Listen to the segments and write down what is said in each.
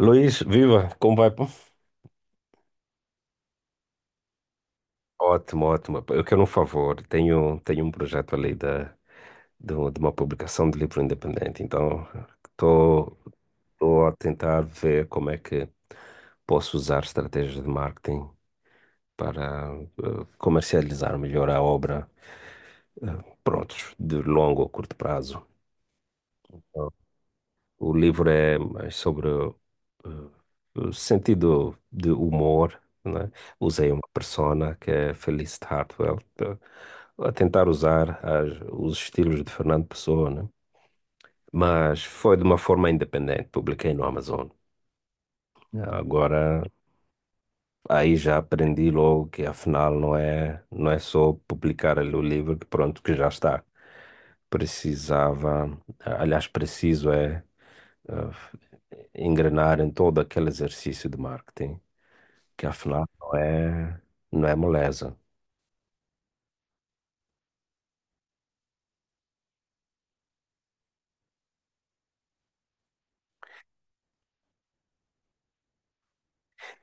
Luiz, viva, como vai, pô? Ótimo, ótimo. Eu quero um favor. Tenho um projeto ali de uma publicação de livro independente. Então, estou estou a tentar ver como é que posso usar estratégias de marketing para comercializar melhor a obra, prontos, de longo ou curto prazo. Então, o livro é mais sobre o sentido de humor, né? Usei uma persona que é Feliz Hartwell, a tentar usar as, os estilos de Fernando Pessoa, né? Mas foi de uma forma independente, publiquei no Amazon. Agora, aí já aprendi logo que afinal não é só publicar ali o livro que pronto, que já está. Precisava, aliás, preciso é uh, engrenar em todo aquele exercício de marketing, que afinal não é moleza.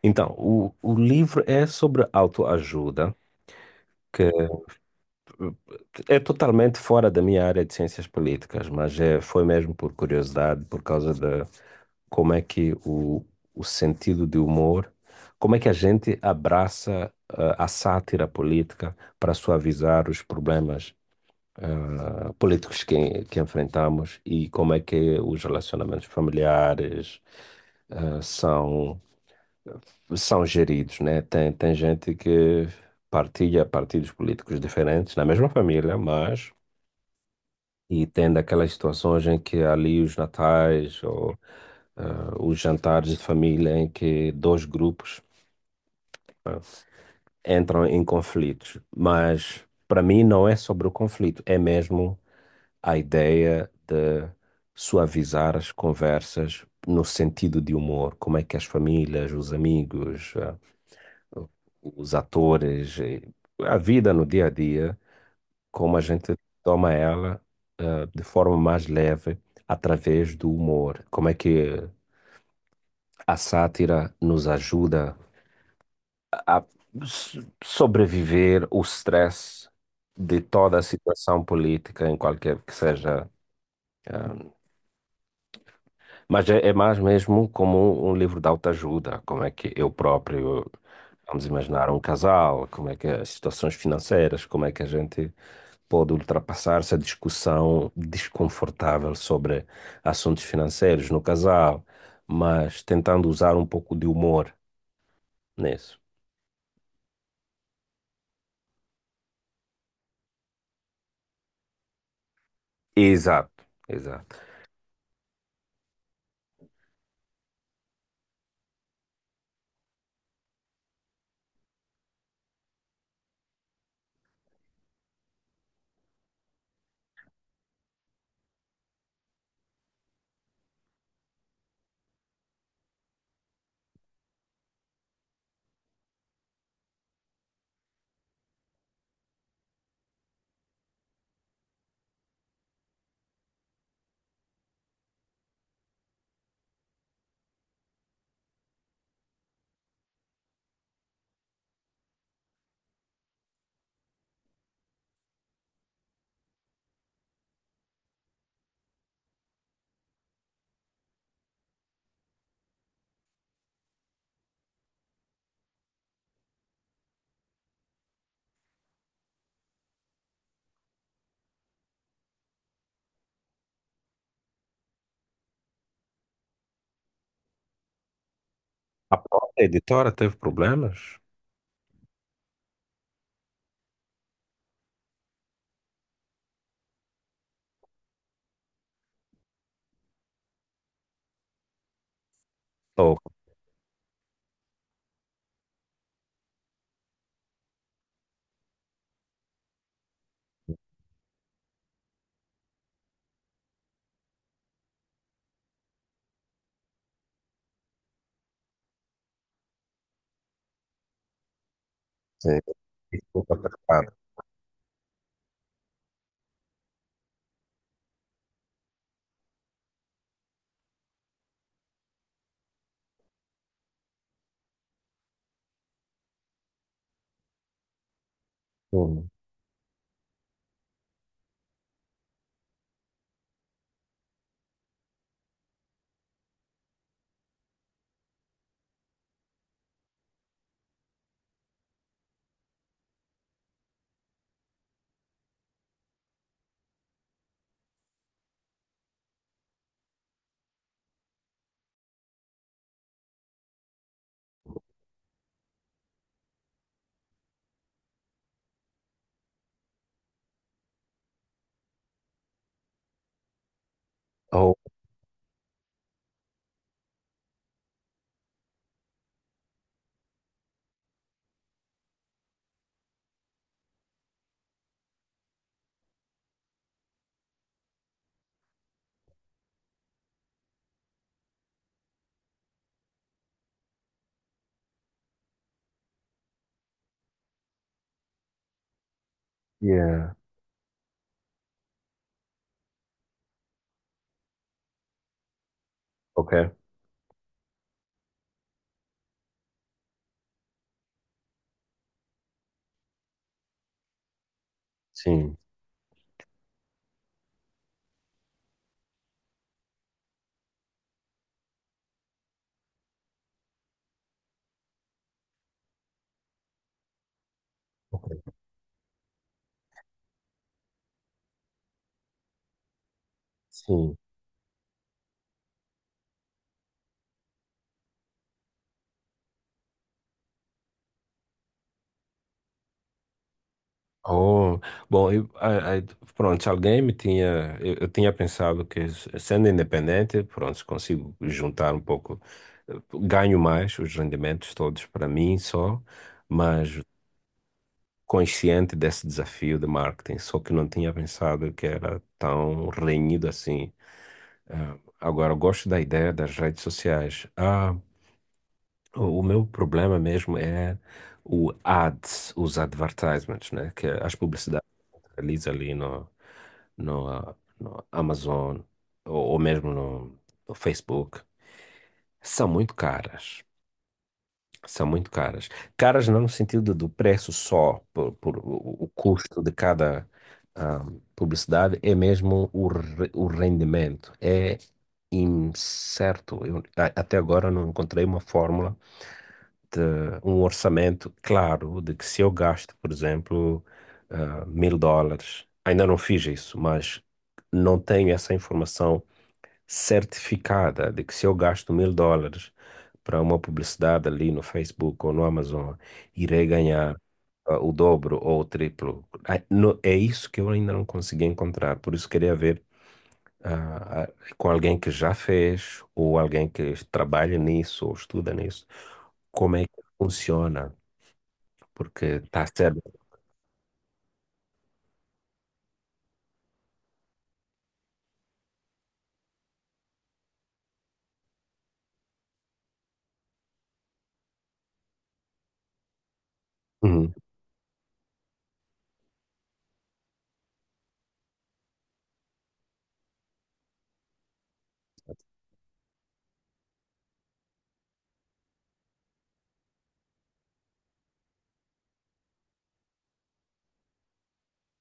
Então, o livro é sobre autoajuda, que é totalmente fora da minha área de ciências políticas, mas é, foi mesmo por curiosidade, por causa de como é que o sentido de humor, como é que a gente abraça a sátira política para suavizar os problemas políticos que enfrentamos e como é que os relacionamentos familiares são, são geridos, né? Tem gente que partilha partidos políticos diferentes na mesma família, mas e tem daquelas situações em que ali os natais ou os jantares de família em que dois grupos entram em conflitos. Mas para mim não é sobre o conflito, é mesmo a ideia de suavizar as conversas no sentido de humor, como é que as famílias, os amigos, os atores, a vida no dia a dia, como a gente toma ela, de forma mais leve através do humor, como é que a sátira nos ajuda a sobreviver o stress de toda a situação política, em qualquer que seja. Mas é, é mais mesmo como um livro de autoajuda, como é que eu próprio, vamos imaginar um casal, como é que as situações financeiras, como é que a gente pode ultrapassar essa discussão desconfortável sobre assuntos financeiros no casal, mas tentando usar um pouco de humor nisso. Exato, exato. A própria editora teve problemas? Oh, sim, desculpa, tá claro. Hum. Oh, yeah. Ok, sim, ok, sim. Oh, bom, eu, pronto, se alguém me tinha, eu tinha pensado que sendo independente, pronto, consigo juntar um pouco, ganho mais os rendimentos todos para mim só, mas consciente desse desafio de marketing, só que não tinha pensado que era tão renhido assim. Agora, eu gosto da ideia das redes sociais. Ah, o meu problema mesmo é o ads, os advertisements, né? Que é as publicidades que realiza ali no, no Amazon ou mesmo no Facebook são muito caras. São muito caras. Caras não no sentido do preço só, por o custo de cada ah, publicidade, é mesmo o rendimento. É incerto. Eu, até agora eu não encontrei uma fórmula de um orçamento claro de que se eu gasto, por exemplo, mil dólares, ainda não fiz isso, mas não tenho essa informação certificada de que se eu gasto mil dólares para uma publicidade ali no Facebook ou no Amazon, irei ganhar o dobro ou o triplo. É isso que eu ainda não consegui encontrar, por isso queria ver ah, ah, com alguém que já fez, ou alguém que trabalha nisso, ou estuda nisso, como é que funciona, porque está a ser. Uhum.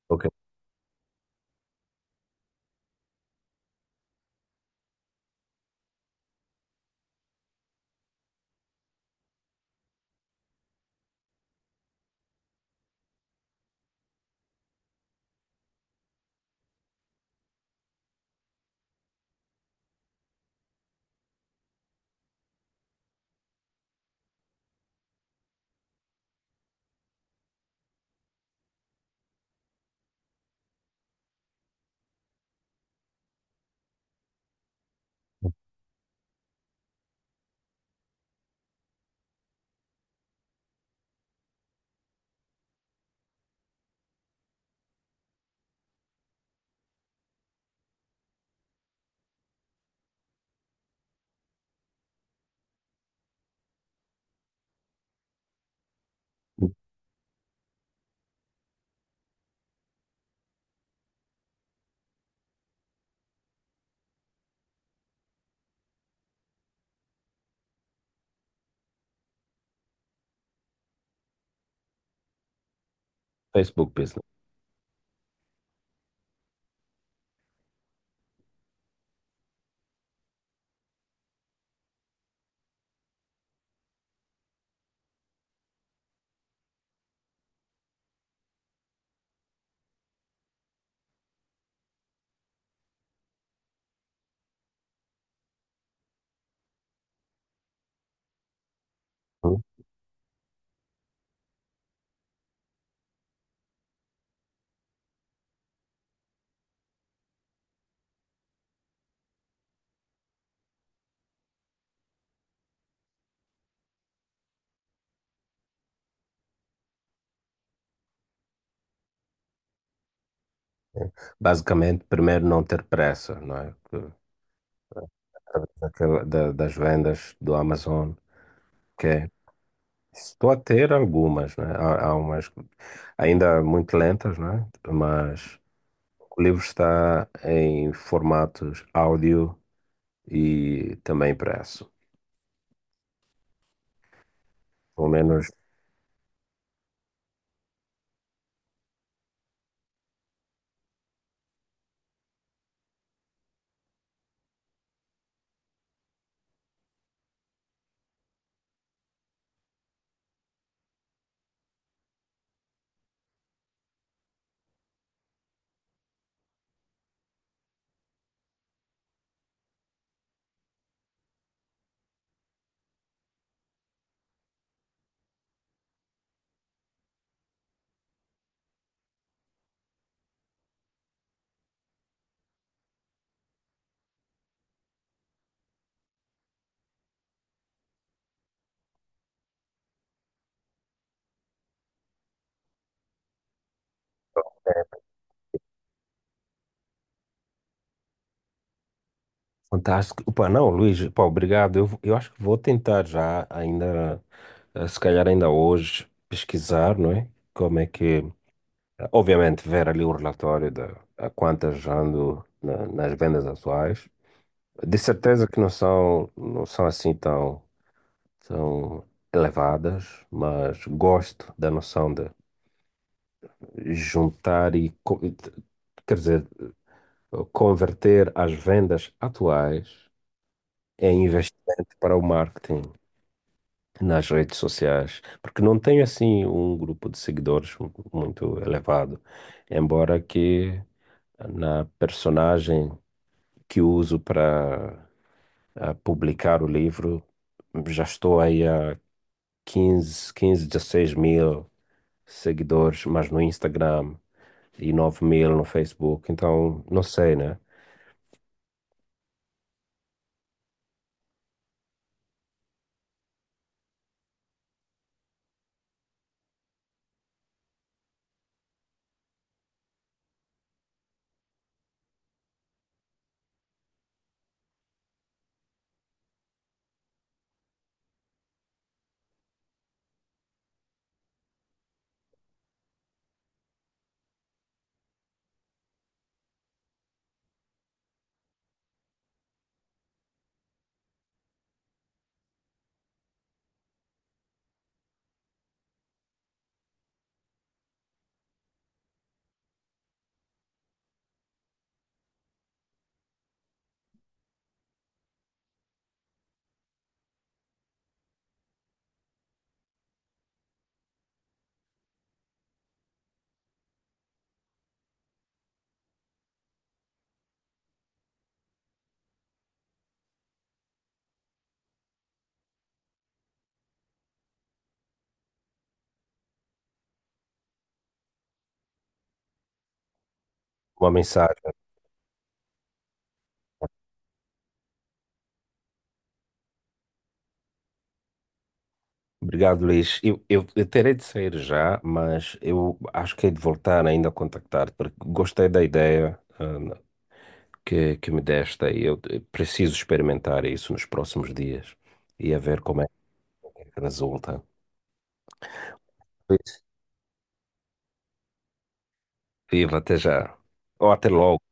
Ok, Facebook Business. Uhum. Basicamente, primeiro não ter pressa, não é? Que, através das vendas do Amazon, que é- estou a ter algumas, né? Há umas ainda muito lentas, né? Mas o livro está em formatos áudio e também impresso. Pelo menos. Fantástico. Opa, não, Luís, pá, obrigado. Eu acho que vou tentar já, ainda, se calhar ainda hoje, pesquisar, não é? Como é que, obviamente, ver ali o relatório de a quantas ando nas vendas atuais. De certeza que não são assim tão, tão elevadas, mas gosto da noção de juntar e, quer dizer, converter as vendas atuais em investimento para o marketing nas redes sociais, porque não tenho assim um grupo de seguidores muito elevado, embora que na personagem que uso para publicar o livro já estou aí a 15 15, 16 mil seguidores, mas no Instagram e 9.000 no Facebook, então não sei, né? Uma mensagem. Obrigado, Luís. Eu terei de sair já, mas eu acho que hei de voltar ainda a contactar-te, porque gostei da ideia, que me deste e eu preciso experimentar isso nos próximos dias e a ver como é que resulta. Isso. Viva, até já. Ou até logo.